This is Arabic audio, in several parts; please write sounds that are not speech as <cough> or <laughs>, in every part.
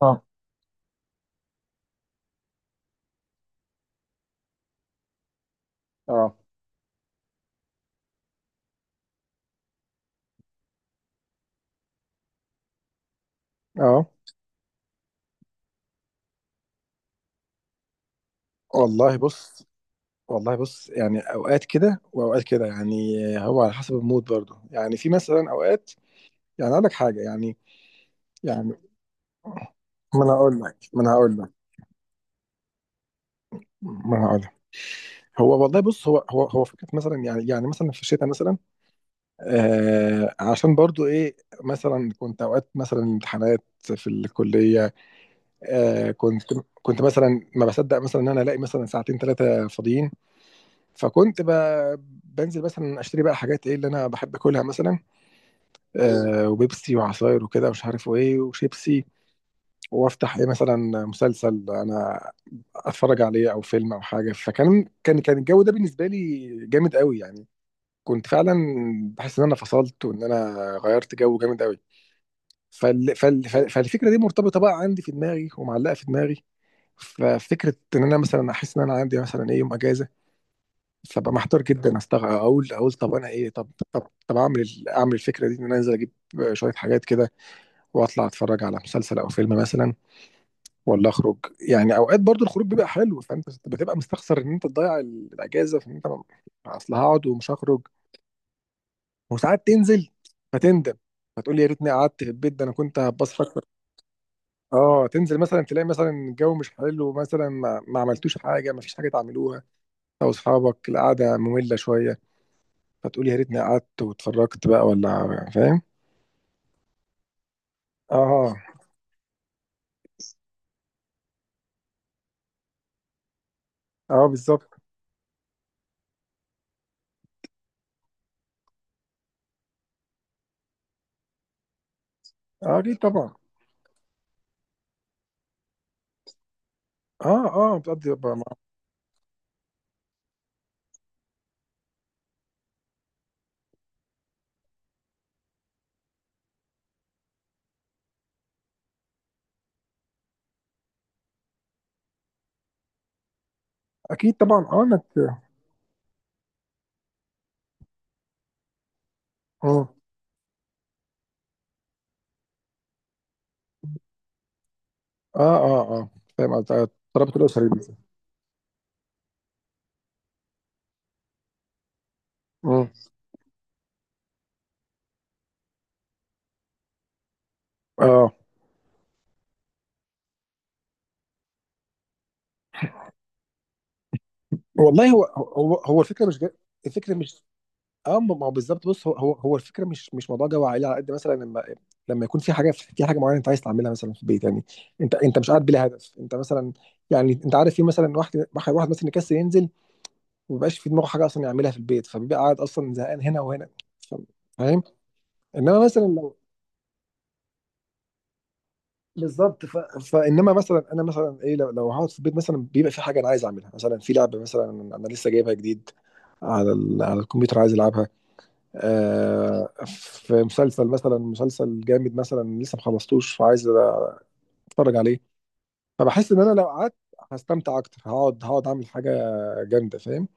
اه، اه، اه. والله بص والله بص. يعني اوقات كده واوقات كده يعني. هو على حسب المود برضه. يعني في مثلا اوقات يعني اقول لك حاجه يعني يعني. ما انا هقول لك ما انا هقول لك ما انا هقول لك هو والله بص. هو فكره مثلا، يعني مثلا في الشتاء مثلا. عشان برضه ايه. مثلا كنت اوقات مثلا امتحانات في الكليه. كنت، كنت مثلا ما بصدق مثلا ان انا الاقي مثلا ساعتين ثلاثه فاضيين. فكنت ب... بنزل مثلا اشتري بقى حاجات ايه اللي انا بحب اكلها مثلا. وبيبسي وعصاير وكده ومش عارف وايه وشيبسي. وافتح ايه مثلا مسلسل انا اتفرج عليه او فيلم او حاجه. فكان كان كان الجو ده بالنسبه لي جامد قوي يعني. كنت فعلا بحس ان انا فصلت، وان انا غيرت جو جامد قوي. فالفكره دي مرتبطه بقى عندي في دماغي ومعلقه في دماغي. ففكره ان انا مثلا احس ان انا عندي مثلا ايه يوم اجازه. فبقى محتار جدا. اقول، طب انا ايه. طب اعمل اعمل الفكره دي. ان انا انزل اجيب شويه حاجات كده واطلع اتفرج على مسلسل او فيلم مثلا، ولا اخرج؟ يعني اوقات برضو الخروج بيبقى حلو، فانت بتبقى مستخسر ان انت تضيع الاجازه في ان اصل هقعد ومش هخرج. وساعات تنزل فتندم، فتقول يا ريتني قعدت في البيت، ده انا كنت هتبسط اكتر. اه تنزل مثلا تلاقي مثلا الجو مش حلو، مثلا ما عملتوش حاجه، ما فيش حاجه تعملوها. او اصحابك القعده ممله شويه، فتقول يا ريتني قعدت واتفرجت بقى، ولا فاهم. اه، اه، بالظبط. اه اكيد طبعا. اه، اه، بتقضي بقى. اكيد طبعا. اه انك. اه، اه، اه، اه، فاهم قصدك. رابط الاسري مثلا. مم. اه، آه. والله هو الفكره مش اه. ما ما هو بالظبط. بص، هو الفكره مش موضوع جو عائلي، على قد مثلا لما، لما يكون في حاجه، معينه انت عايز تعملها مثلا في البيت يعني. انت مش قاعد بلا هدف. انت مثلا، يعني انت عارف، في مثلا واحد مثلا يكسل ينزل، مبيبقاش في دماغه حاجه اصلا يعملها في البيت، فبيبقى قاعد اصلا زهقان هنا وهنا. ف- فاهم. انما مثلا لو، بالظبط. فانما مثلا انا مثلا ايه، لو هقعد في البيت مثلا، بيبقى في حاجه انا عايز اعملها. مثلا في لعبه مثلا انا لسه جايبها جديد على على الكمبيوتر عايز العبها. آه، في مسلسل مثلا، مسلسل جامد مثلا لسه ما خلصتوش فعايز اتفرج عليه. فبحس ان انا لو قعدت هستمتع اكتر. هقعد اعمل حاجه جامده، فاهم.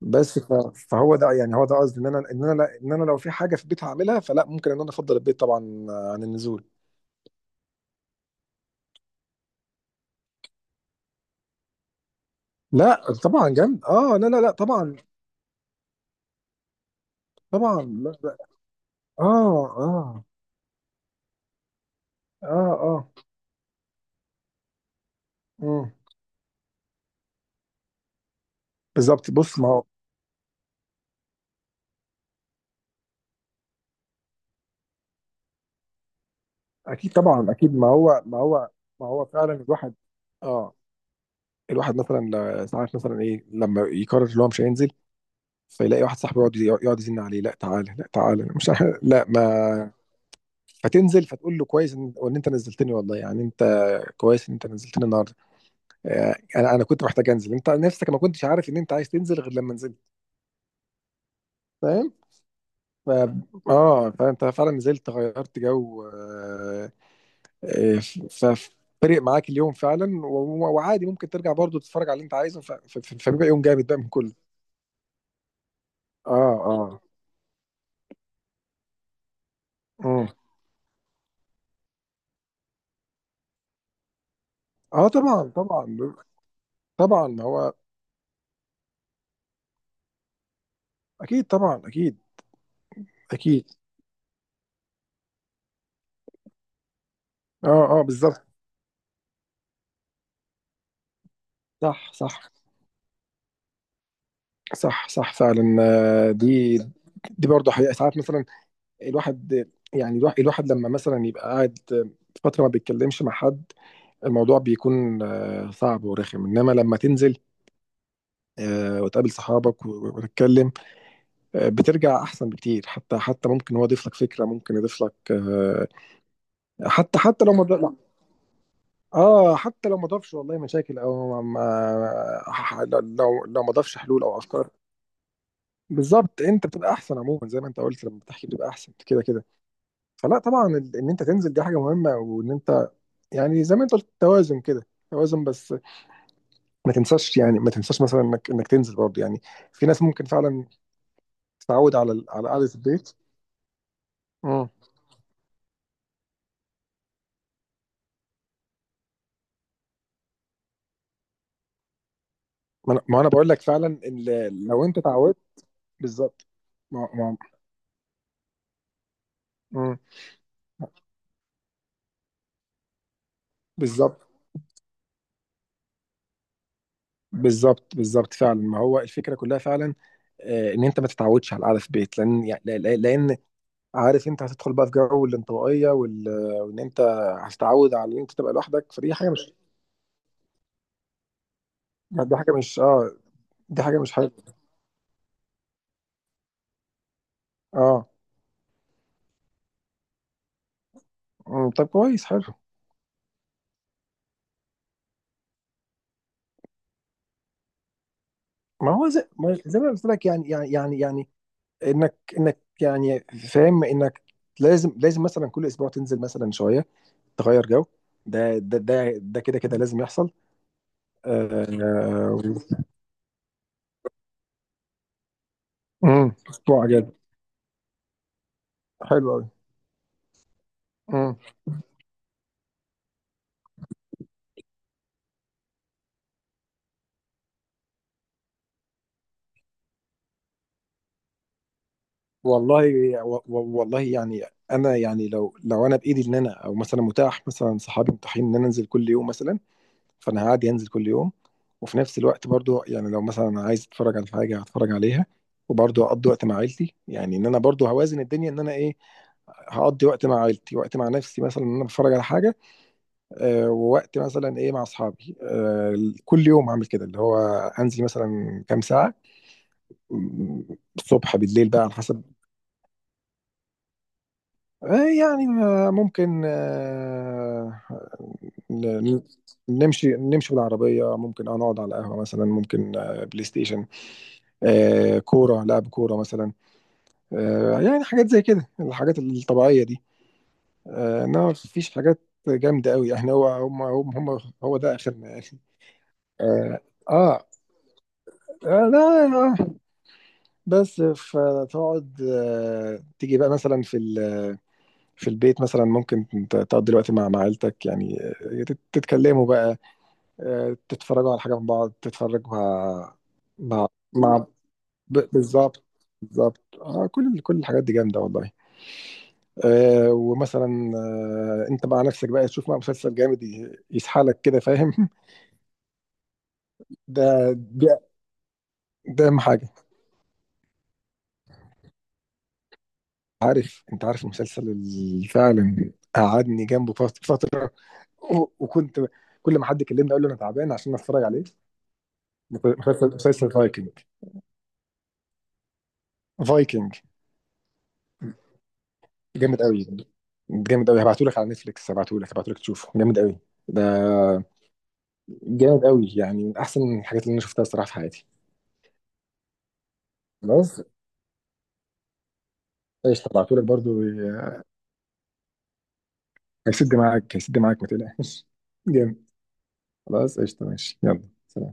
بس ف- فهو ده يعني، هو ده قصدي. ان انا، ان انا لو في حاجه في البيت هعملها، فلا، ممكن ان انا افضل البيت طبعا عن النزول. لا طبعا جامد. اه، لا، لا، لا، طبعا. طبعا. لا، لا. اه، اه، اه، اه. مم. بالظبط. بص، ما هو اكيد طبعا، اكيد. ما هو، ما هو فعلا الواحد. اه، الواحد مثلا، ساعات مثلا ايه لما يقرر ان هو مش هينزل، فيلاقي واحد صاحبه يقعد يزن عليه، لا تعالى، لا تعالى، مش عارف- لا ما. فتنزل فتقول له كويس ان، وإن انت نزلتني والله، يعني انت كويس ان انت نزلتني النهارده. آه، انا، انا كنت محتاج انزل، انت نفسك ما كنتش عارف ان انت عايز تنزل غير لما نزلت. فاهم. ف... اه فانت فعلا نزلت غيرت جو. آه، آه، ف ف- فرق معاك اليوم فعلا. وعادي ممكن ترجع برضو تتفرج على اللي انت عايزه. فبيبقى يوم جامد بقى من كله. اه، اه، اه، اه طبعا طبعا. طبعا هو اكيد طبعا، اكيد، اكيد. اه، اه، بالظبط. صح، صح، صح، صح فعلا. آه، دي، دي برضه حقيقة ساعات مثلا الواحد. يعني الواحد لما مثلا يبقى قاعد فترة ما بيتكلمش مع حد، الموضوع بيكون آه صعب ورخم. انما لما تنزل آه وتقابل صحابك وتتكلم، آه بترجع احسن بكتير. حتى، حتى ممكن هو يضيف لك فكرة، ممكن يضيف لك آه، حتى، حتى لو ما ض- اه حتى لو ما ضافش والله مشاكل او لو، ما ضافش حلول او افكار، بالظبط انت بتبقى احسن عموما. زي ما انت قلت، لما بتحكي بتبقى احسن كده كده. فلا طبعا ان انت تنزل دي حاجه مهمه، وان انت يعني زي ما انت قلت توازن كده، توازن. بس ما تنساش يعني، ما تنساش مثلا انك، تنزل برضه يعني. في ناس ممكن فعلا تتعود على على قعده البيت. امم ما انا، ما أنا بقول لك فعلا لو انت اتعودت بالظبط. ما ما. مم. بالظبط، بالظبط، بالظبط فعلا. ما هو الفكره كلها فعلا آه، ان انت ما تتعودش على القعده في البيت، لان يعني، لان عارف انت هتدخل بقى في جو الانطوائيه وان انت هتتعود على ان انت تبقى لوحدك. فدي حاجه مش، دي حاجه مش اه، دي حاجه مش حلوه. اه. أمم، طب كويس، حلو. ما هو زي ما، زي ما قلت لك يعني، انك، انك يعني فاهم، انك لازم، مثلا كل اسبوع تنزل مثلا شويه، تغير جو. ده كده، كده لازم يحصل. آه. أمم، اسبوع اجازه. حلو قوي. والله، والله يعني. انا يعني لو، انا بايدي ان انا، او مثلا متاح مثلا صحابي متاحين ان انا انزل كل يوم مثلا، فانا هعدي انزل كل يوم. وفي نفس الوقت برضو يعني لو مثلا عايز اتفرج على حاجه هتفرج عليها. وبرضو اقضي وقت مع عيلتي، يعني ان انا برضو هوازن الدنيا. ان انا ايه، هقضي وقت مع عيلتي، وقت مع نفسي مثلا ان انا بتفرج على حاجه، آه ووقت مثلا ايه مع اصحابي. آه كل يوم هعمل كده، اللي هو انزل مثلا كام ساعه، م- الصبح بالليل بقى على حسب. آه، يعني آه، ممكن آه، ن- ن- نمشي، بالعربية، ممكن اه نقعد على القهوة مثلا، ممكن آه بلاي ستيشن، آه كورة، لعب كورة مثلا. آه يعني حاجات زي كده، الحاجات الطبيعية دي. آه انما مفيش حاجات جامدة قوي يعني. هو هم هم هم هو ده اخرنا يعني. اه، آه، آه، لا، آه. بس فتقعد آه، تيجي بقى مثلا في، في البيت مثلا. ممكن تقضي الوقت مع، مع عيلتك يعني. آه، تتكلموا بقى، آه تتفرجوا على حاجة من بعض، تتفرجوا مع، مع، مع- بالظبط، بالظبط. آه كل، كل الحاجات دي جامدة والله. آه ومثلا آه انت مع نفسك بقى تشوف مع مسلسل جامد يسحلك كده، فاهم. <laughs> ده، ده، ده اهم حاجه. عارف، انت عارف المسلسل اللي فعلا قعدني جنبه فتره. وكنت كل ما حد يكلمني اقول له انا تعبان عشان اتفرج عليه. مسلسل، مسلسل فايكنج. فايكنج. جامد قوي، جامد قوي. هبعتهولك على نتفليكس، هبعتهولك تشوفه جامد قوي. ده جامد قوي يعني. من احسن الحاجات اللي انا شفتها الصراحه في حياتي. خلاص قشطه، هبعتهولك برضو. هيسد معاك ما تقلقش. <laughs> جامد. خلاص قشطه، ماشي، يلا سلام.